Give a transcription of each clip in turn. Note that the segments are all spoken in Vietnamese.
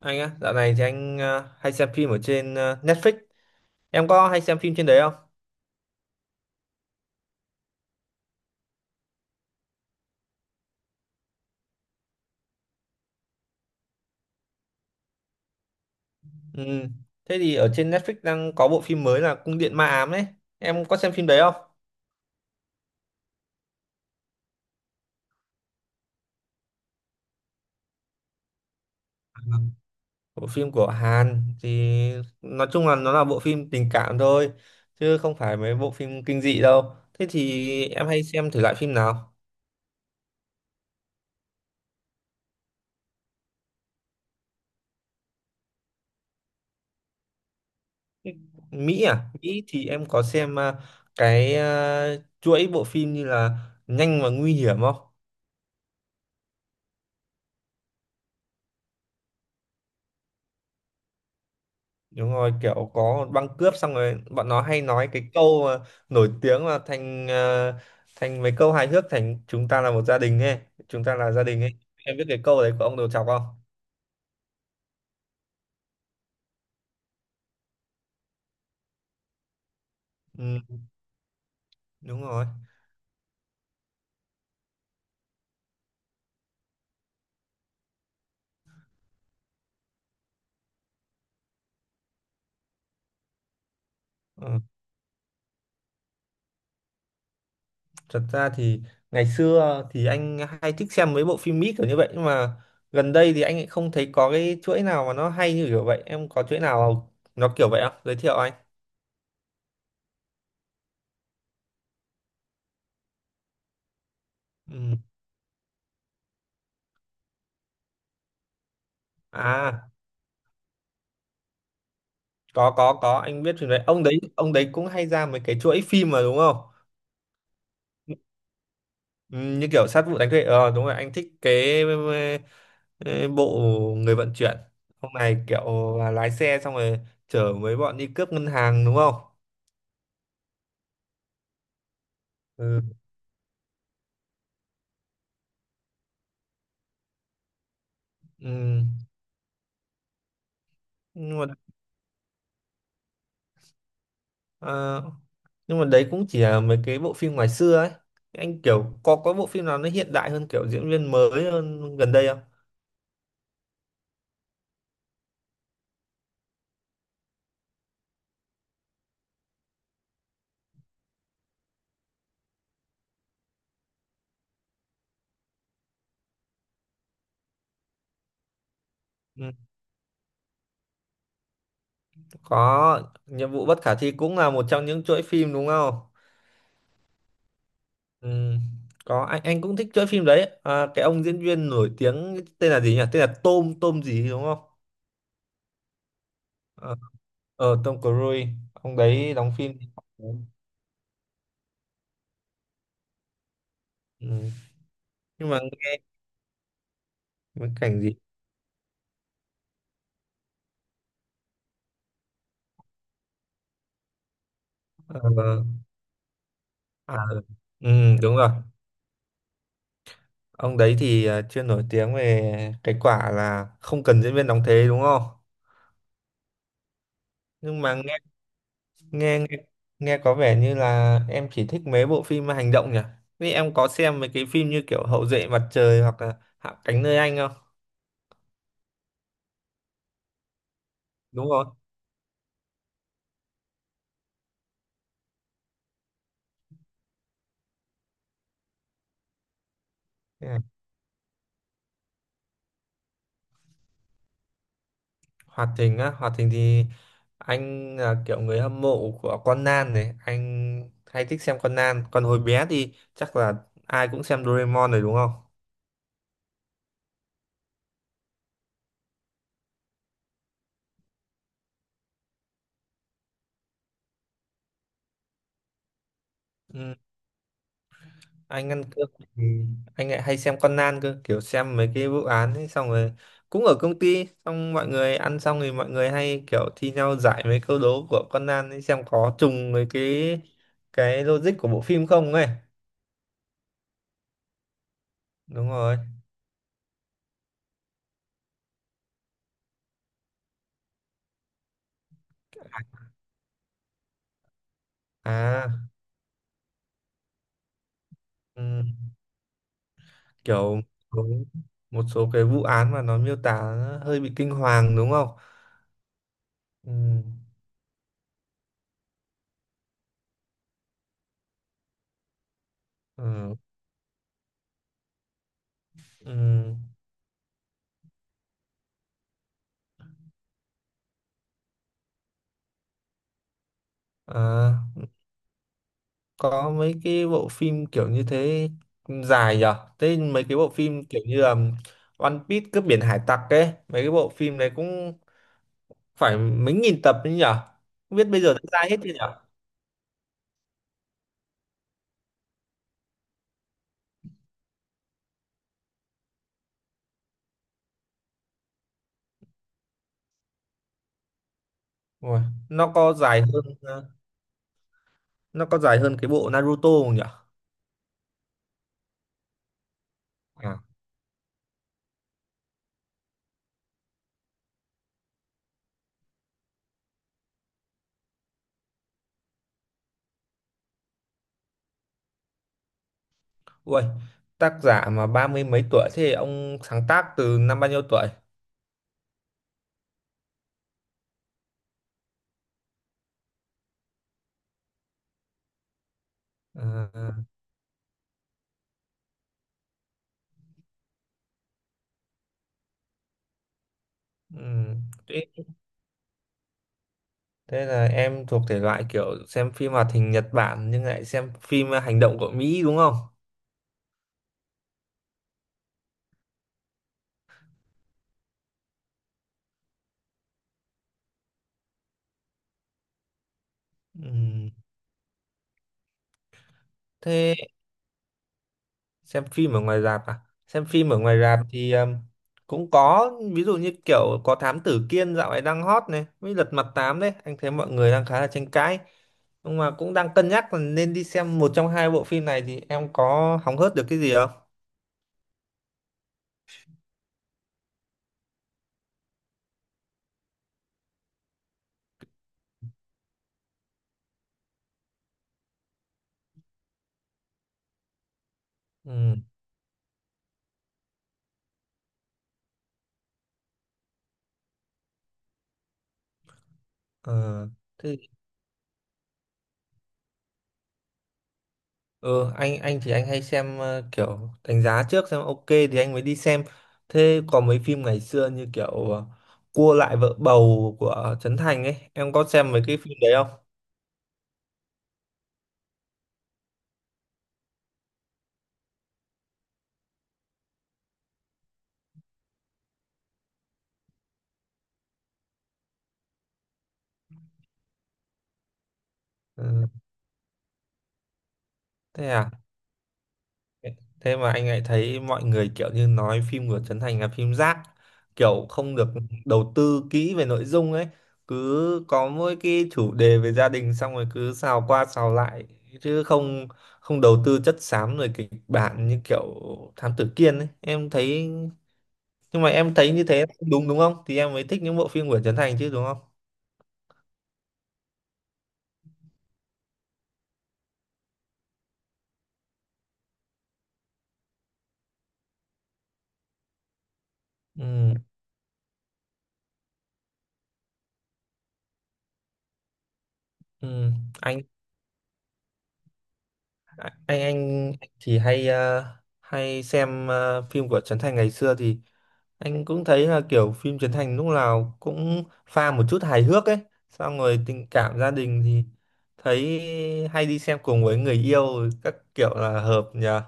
Anh á, dạo này thì anh hay xem phim ở trên Netflix. Em có hay xem phim trên đấy không? Ừ. Thế thì ở trên Netflix đang có bộ phim mới là Cung điện ma ám đấy. Em có xem phim đấy không? Bộ phim của Hàn thì nói chung là nó là bộ phim tình cảm thôi, chứ không phải mấy bộ phim kinh dị đâu. Thế thì em hay xem thử lại phim nào? Mỹ à? Mỹ thì em có xem cái chuỗi bộ phim như là Nhanh và Nguy hiểm không? Đúng rồi, kiểu có băng cướp xong rồi bọn nó hay nói cái câu mà nổi tiếng là thành mấy câu hài hước, thành chúng ta là một gia đình ấy, chúng ta là gia đình ấy. Em biết cái câu đấy của ông Đầu Chọc không? Ừ, đúng rồi. Ừ. Thật ra thì ngày xưa thì anh hay thích xem mấy bộ phim Mỹ kiểu như vậy, nhưng mà gần đây thì anh lại không thấy có cái chuỗi nào mà nó hay như kiểu vậy. Em có chuỗi nào nó kiểu vậy không? Giới thiệu anh. Ừ. À, có, anh biết phim đấy. Ông đấy cũng hay ra mấy cái chuỗi phim mà đúng không? Ừ, như kiểu sát vụ đánh thuê đúng rồi, anh thích cái ờ, bộ người vận chuyển hôm nay kiểu là lái xe xong rồi chở mấy bọn đi cướp ngân hàng đúng không? Ừ, ừ. nhưng mà ờ, nhưng mà đấy cũng chỉ là mấy cái bộ phim ngoài xưa ấy, anh kiểu có bộ phim nào nó hiện đại hơn, kiểu diễn viên mới hơn gần đây không? Ừ. Có, nhiệm vụ bất khả thi cũng là một trong những chuỗi phim đúng không? Ừ, có, anh cũng thích chơi phim đấy à, cái ông diễn viên nổi tiếng tên là gì nhỉ, tên là Tom Tom gì đúng không? ờ Tom Cruise, ông đấy đóng phim. Ừ. Nhưng mà nghe cái cảnh gì ờ, à, ừ, đúng rồi, ông đấy thì chuyên nổi tiếng về cái quả là không cần diễn viên đóng thế đúng không? Nhưng mà nghe nghe, nghe có vẻ như là em chỉ thích mấy bộ phim hành động nhỉ, vì em có xem mấy cái phim như kiểu Hậu duệ mặt trời hoặc là Hạ cánh nơi anh không? Đúng rồi. Thế à? Hoạt Thình á, Hoạt Thình thì anh là kiểu người hâm mộ của Conan này, anh hay thích xem Conan. Còn hồi bé thì chắc là ai cũng xem Doraemon rồi đúng không? Ừ, anh ăn cơm thì anh lại hay xem Conan cơ, kiểu xem mấy cái vụ án ấy, xong rồi cũng ở công ty, xong mọi người ăn xong thì mọi người hay kiểu thi nhau giải mấy câu đố của Conan ấy, xem có trùng với cái logic của bộ phim không ấy. Đúng rồi. À. Ừ. Kiểu có một số cái vụ án mà nó miêu tả nó hơi bị kinh hoàng đúng không? Ừ, ừ, ừ. À, có mấy cái bộ phim kiểu như thế dài nhở? Thế mấy cái bộ phim kiểu như là One Piece cướp biển hải tặc ấy, mấy cái bộ phim đấy cũng phải mấy nghìn tập đấy nhở? Không biết bây giờ đã ra hết chưa nhở? Ui, nó có dài hơn ờ, nó có dài hơn cái bộ Naruto không nhở? À, ui, tác giả mà ba mươi mấy tuổi, thế ông sáng tác từ năm bao nhiêu tuổi? À. Thế thế là em thuộc thể loại kiểu xem phim hoạt hình Nhật Bản nhưng lại xem phim hành động của Mỹ đúng không? Ừm. Thế xem phim ở ngoài rạp à? Xem phim ở ngoài rạp thì cũng có, ví dụ như kiểu có Thám Tử Kiên dạo này đang hot này, với Lật Mặt Tám đấy, anh thấy mọi người đang khá là tranh cãi. Nhưng mà cũng đang cân nhắc là nên đi xem một trong hai bộ phim này, thì em có hóng hớt được cái gì không? Ừ. Ờ. ờ anh thì anh hay xem kiểu đánh giá trước, xem ok thì anh mới đi xem. Thế có mấy phim ngày xưa như kiểu ờ, Cua lại vợ bầu của Trấn Thành ấy, em có xem mấy cái phim đấy không? Ừ, thế à? Thế mà anh lại thấy mọi người kiểu như nói phim của Trấn Thành là phim rác, kiểu không được đầu tư kỹ về nội dung ấy, cứ có mỗi cái chủ đề về gia đình xong rồi cứ xào qua xào lại, chứ không không đầu tư chất xám rồi kịch bản như kiểu Thám Tử Kiên ấy, em thấy nhưng mà em thấy như thế đúng đúng không thì em mới thích những bộ phim của Trấn Thành chứ đúng không? Ừ, ừ. anh anh thì hay xem phim của Trấn Thành ngày xưa thì anh cũng thấy là kiểu phim Trấn Thành lúc nào cũng pha một chút hài hước ấy, xong rồi tình cảm gia đình thì thấy hay đi xem cùng với người yêu, các kiểu là hợp nhờ.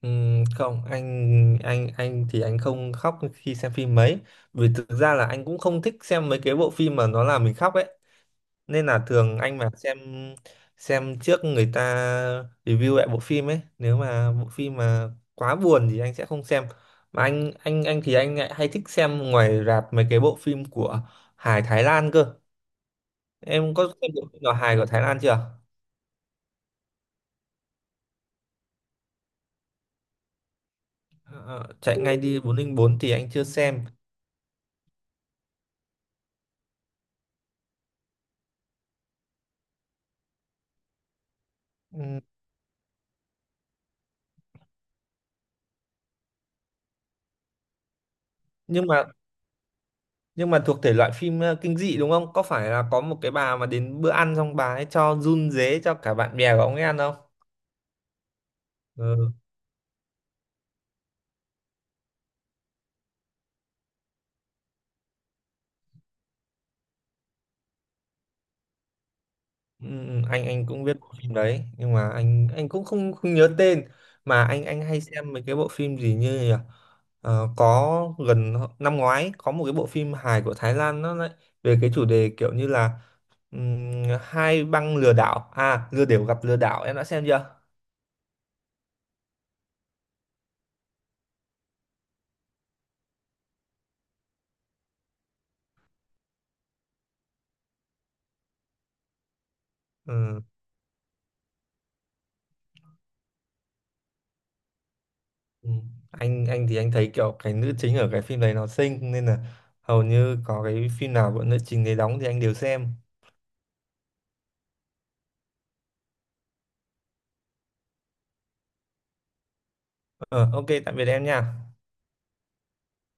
Không, anh thì anh không khóc khi xem phim mấy, vì thực ra là anh cũng không thích xem mấy cái bộ phim mà nó làm mình khóc ấy. Nên là thường anh mà xem trước người ta review lại bộ phim ấy, nếu mà bộ phim mà quá buồn thì anh sẽ không xem. Mà anh thì anh lại hay thích xem ngoài rạp mấy cái bộ phim của hài Thái Lan cơ. Em có xem bộ phim nào hài của Thái Lan chưa? Ờ, Chạy ngay đi 404 thì anh chưa xem. Ừ, nhưng mà nhưng mà thuộc thể loại phim kinh dị đúng không, có phải là có một cái bà mà đến bữa ăn xong bà ấy cho run rế cho cả bạn bè của ông ấy ăn không? Ừ. Ừ, ừ, anh cũng biết bộ phim đấy nhưng mà anh cũng không không nhớ tên, mà anh hay xem mấy cái bộ phim gì như nhỉ? Ờ, có gần năm ngoái có một cái bộ phim hài của Thái Lan, nó lại về cái chủ đề kiểu như là ừm, hai băng lừa đảo, à, lừa đảo gặp lừa đảo, em đã xem chưa? Ừ, ừ. Anh thì anh thấy kiểu cái nữ chính ở cái phim đấy nó xinh, nên là hầu như có cái phim nào của nữ chính đấy đóng thì anh đều xem. Ờ, OK, tạm biệt em nha.